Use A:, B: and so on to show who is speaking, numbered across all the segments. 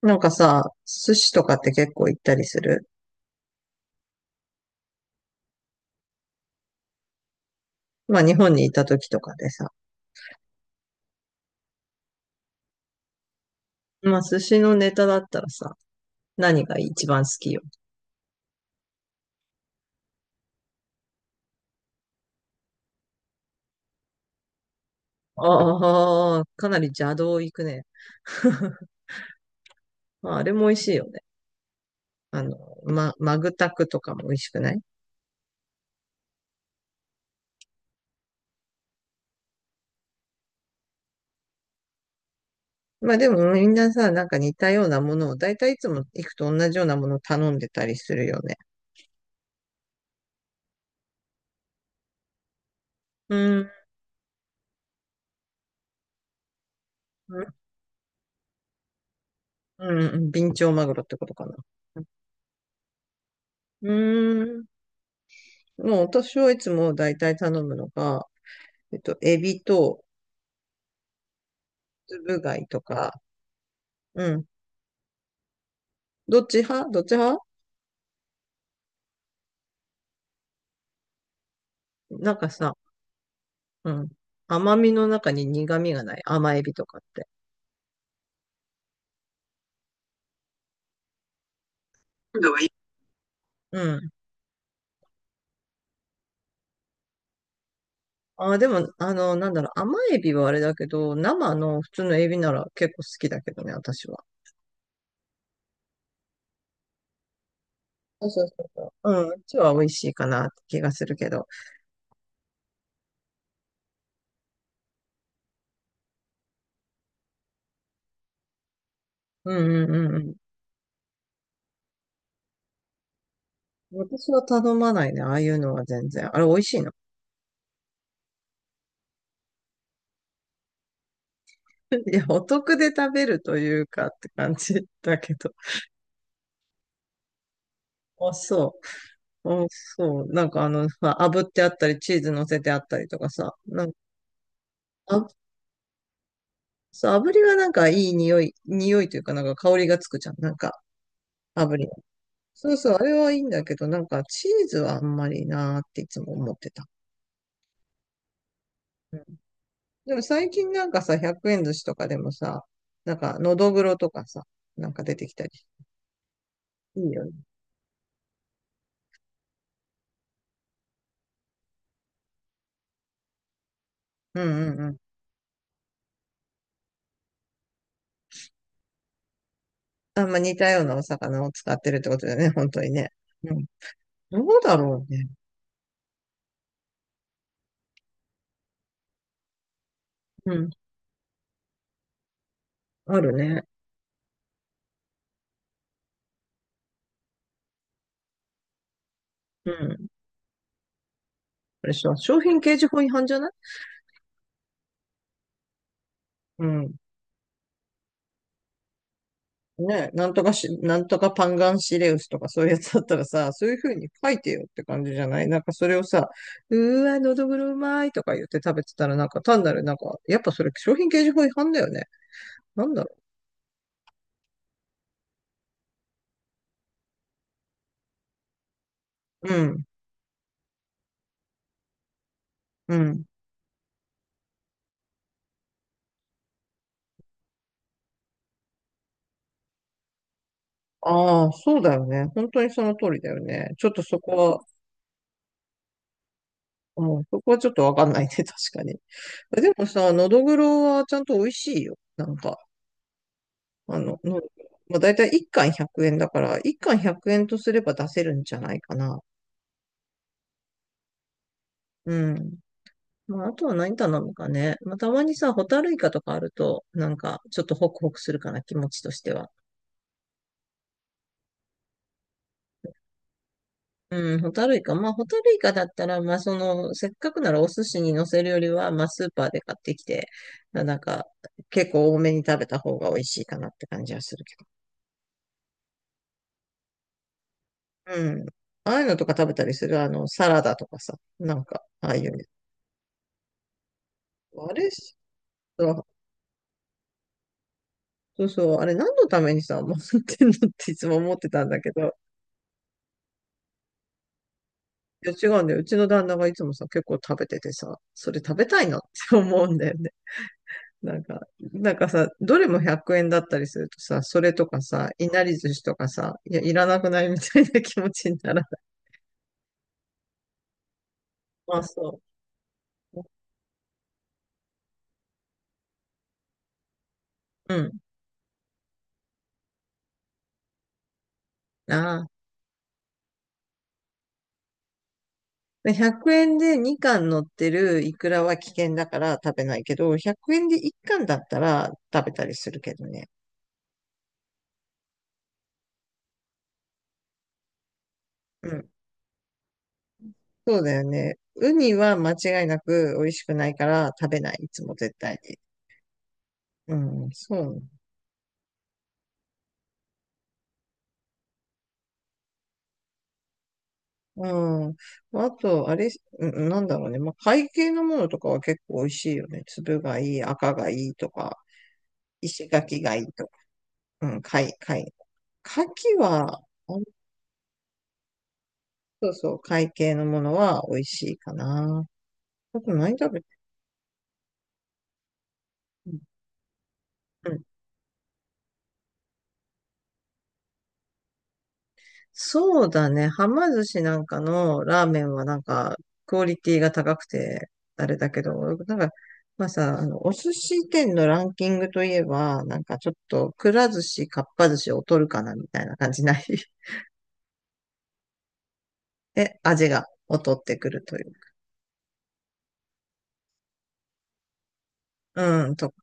A: なんかさ、寿司とかって結構行ったりする？まあ日本にいた時とかでさ。まあ寿司のネタだったらさ、何が一番好き？よ。ああ、かなり邪道行くね。まああれも美味しいよね。あの、マグタクとかも美味しくない？まあでもみんなさ、似たようなものを、だいたいいつも行くと同じようなものを頼んでたりするよね。うーん、うん、ビンチョウマグロってことかな。うーん、もう私はいつもだいたい頼むのが、エビと、つぶ貝とか。うん。どっち派？どっち派？なんかさ、うん。甘みの中に苦味がない甘エビとかってのがいい。うん。あー、でも、なんだろう、甘エビはあれだけど、生の普通のエビなら結構好きだけどね、私は。そうそうそうそう。うん、うちは美味しいかなって気がするけど。うんうんうんうん。私は頼まないね、ああいうのは全然。あれ、美味しいの？ いや、お得で食べるというかって感じだけど。あ、そう。うん、そう。なんかあのさ、炙ってあったり、チーズ乗せてあったりとかさ、あ、そう、炙りはなんかいい匂いというかなんか香りがつくじゃん。なんか、炙りの。そうそう、あれはいいんだけど、なんかチーズはあんまりなーっていつも思ってた。うん。でも最近なんかさ、100円寿司とかでもさ、なんか、のどぐろとかさ、なんか出てきたりして。いいよね。うんうんうん。あんま似たようなお魚を使ってるってことだよね、本当にね。うん。どうだろうね。うん。あるね。うん。あれさ、商品掲示法違反じゃない？うん。ね、なんとかパンガンシレウスとかそういうやつだったらさ、そういう風に書いてよって感じじゃない？なんかそれをさ、うーわ、のどぐろうまいとか言って食べてたらなんか単なるなんか、やっぱそれ商品掲示法違反だよね。なんだろう。うん、うん。ああ、そうだよね。本当にその通りだよね。ちょっとそこは、うん、そこはちょっとわかんないね、確かに。でもさ、のどぐろはちゃんと美味しいよ。なんか。あの、の、まあ、だいたい1貫100円だから、1貫100円とすれば出せるんじゃないかな。うん。まあ、あとは何頼むかね。まあ、たまにさ、ホタルイカとかあると、なんか、ちょっとホクホクするかな、気持ちとしては。うん、ホタルイカ。まあ、ホタルイカだったら、まあ、その、せっかくならお寿司に乗せるよりは、まあ、スーパーで買ってきて、まあなんか、結構多めに食べた方が美味しいかなって感じはするけど。うん。ああいうのとか食べたりする？サラダとかさ、なんか、ああいうの。あれ、そうそう、あれ何のためにさ、もらってんのっていつも思ってたんだけど、いや違うんだよ。うちの旦那がいつもさ、結構食べててさ、それ食べたいなって思うんだよね。なんか、なんかさ、どれも100円だったりするとさ、それとかさ、いなり寿司とかさ、いや、いらなくない？みたいな気持ちにならない？まあそう。うん。ああ。で100円で2貫乗ってるイクラは危険だから食べないけど、100円で1貫だったら食べたりするけどね。そうだよね。ウニは間違いなく美味しくないから食べない。いつも絶対に。うん、そう。うん。あと、あれ、うん、なんだろうね。まあ、貝系のものとかは結構美味しいよね。粒がいい、赤がいいとか、石垣がいいとか。うん、貝。牡蠣は、あ、そうそう、貝系のものは美味しいかな。あと何食べて、うん、そうだね。はま寿司なんかのラーメンはなんか、クオリティが高くてあれだけど、なんか、まあさ、お寿司店のランキングといえば、なんかちょっと、くら寿司、かっぱ寿司を取るかな、みたいな感じない？ え、味が劣ってくるという。うん、と、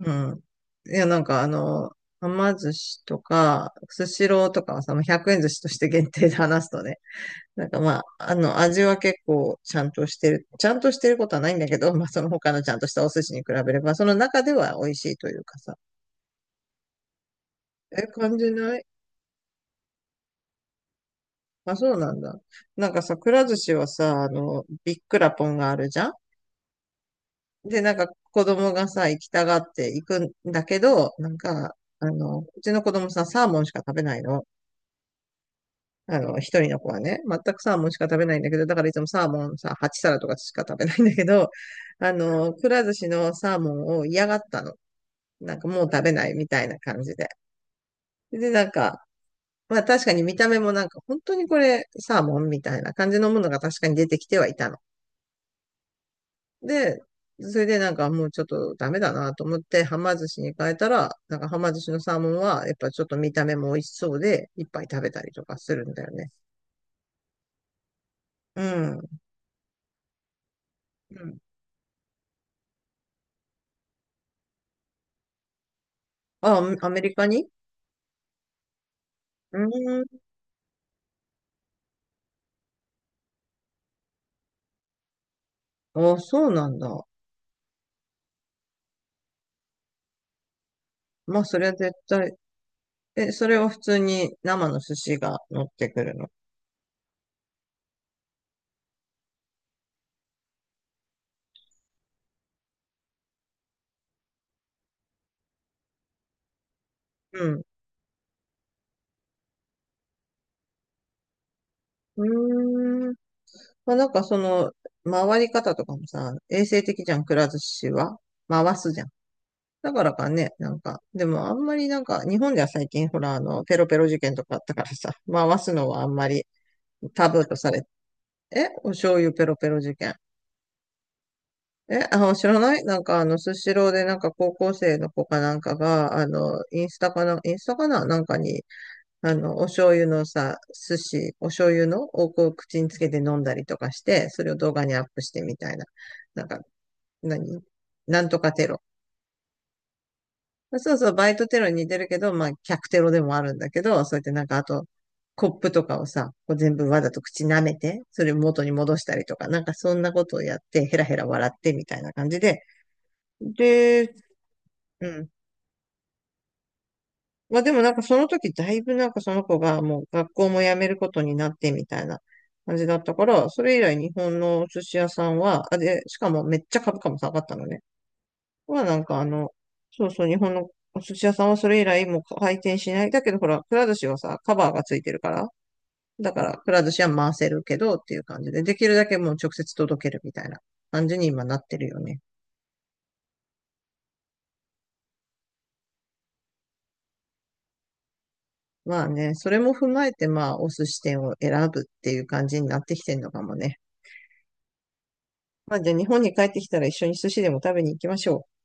A: うん。いや、はま寿司とか、スシローとかはさ、もう100円寿司として限定で話すとね、なんかまあ、味は結構ちゃんとしてることはないんだけど、まあその他のちゃんとしたお寿司に比べれば、その中では美味しいというかさ。え、感じない？あ、そうなんだ。なんかさ、くら寿司はさ、ビッくらポンがあるじゃん。で、なんか子供がさ、行きたがって行くんだけど、なんか、うちの子供さ、サーモンしか食べないの。一人の子はね、全くサーモンしか食べないんだけど、だからいつもサーモンさ、8皿とかしか食べないんだけど、くら寿司のサーモンを嫌がったの。なんかもう食べないみたいな感じで。で、なんか、まあ確かに見た目もなんか本当にこれサーモンみたいな感じのものが確かに出てきてはいたの。で、それでなんかもうちょっとダメだなと思ってはま寿司に変えたら、なんかはま寿司のサーモンはやっぱちょっと見た目も美味しそうでいっぱい食べたりとかするんだよね。うん。うん。あ、アメリカに？うーん。あ、そうなんだ。まあ、それは絶対。え、それを普通に生の寿司が乗ってくるの？うん。うーん。まあ、なんかその、回り方とかもさ、衛生的じゃん、くら寿司は。回すじゃん。だからかね、なんか、でもあんまりなんか、日本では最近ほら、ペロペロ事件とかあったからさ、回すのはあんまりタブーとされて、え、お醤油ペロペロ事件？え、あ、知らない？なんか、スシローで、なんか、高校生の子かなんかが、インスタかな、なんかに、お醤油のさ、お醤油のをこう口につけて飲んだりとかして、それを動画にアップしてみたいな。なんか、何なんとかテロ。そうそう、バイトテロに似てるけど、まあ、客テロでもあるんだけど、そうやってなんか、あと、コップとかをさ、こう全部わざと口舐めて、それ元に戻したりとか、なんかそんなことをやって、ヘラヘラ笑ってみたいな感じで、で、うん。まあでもなんかその時だいぶなんかその子がもう学校も辞めることになってみたいな感じだったから、それ以来日本のお寿司屋さんは、あ、で、しかもめっちゃ株価も下がったのね。はなんかあの、そうそう、日本のお寿司屋さんはそれ以来もう回転しない。だけどほら、くら寿司はさ、カバーがついてるから、だからくら寿司は回せるけどっていう感じで、できるだけもう直接届けるみたいな感じに今なってるよね。まあね、それも踏まえてまあお寿司店を選ぶっていう感じになってきてんのかもね。まあ、じゃあ日本に帰ってきたら一緒に寿司でも食べに行きましょう。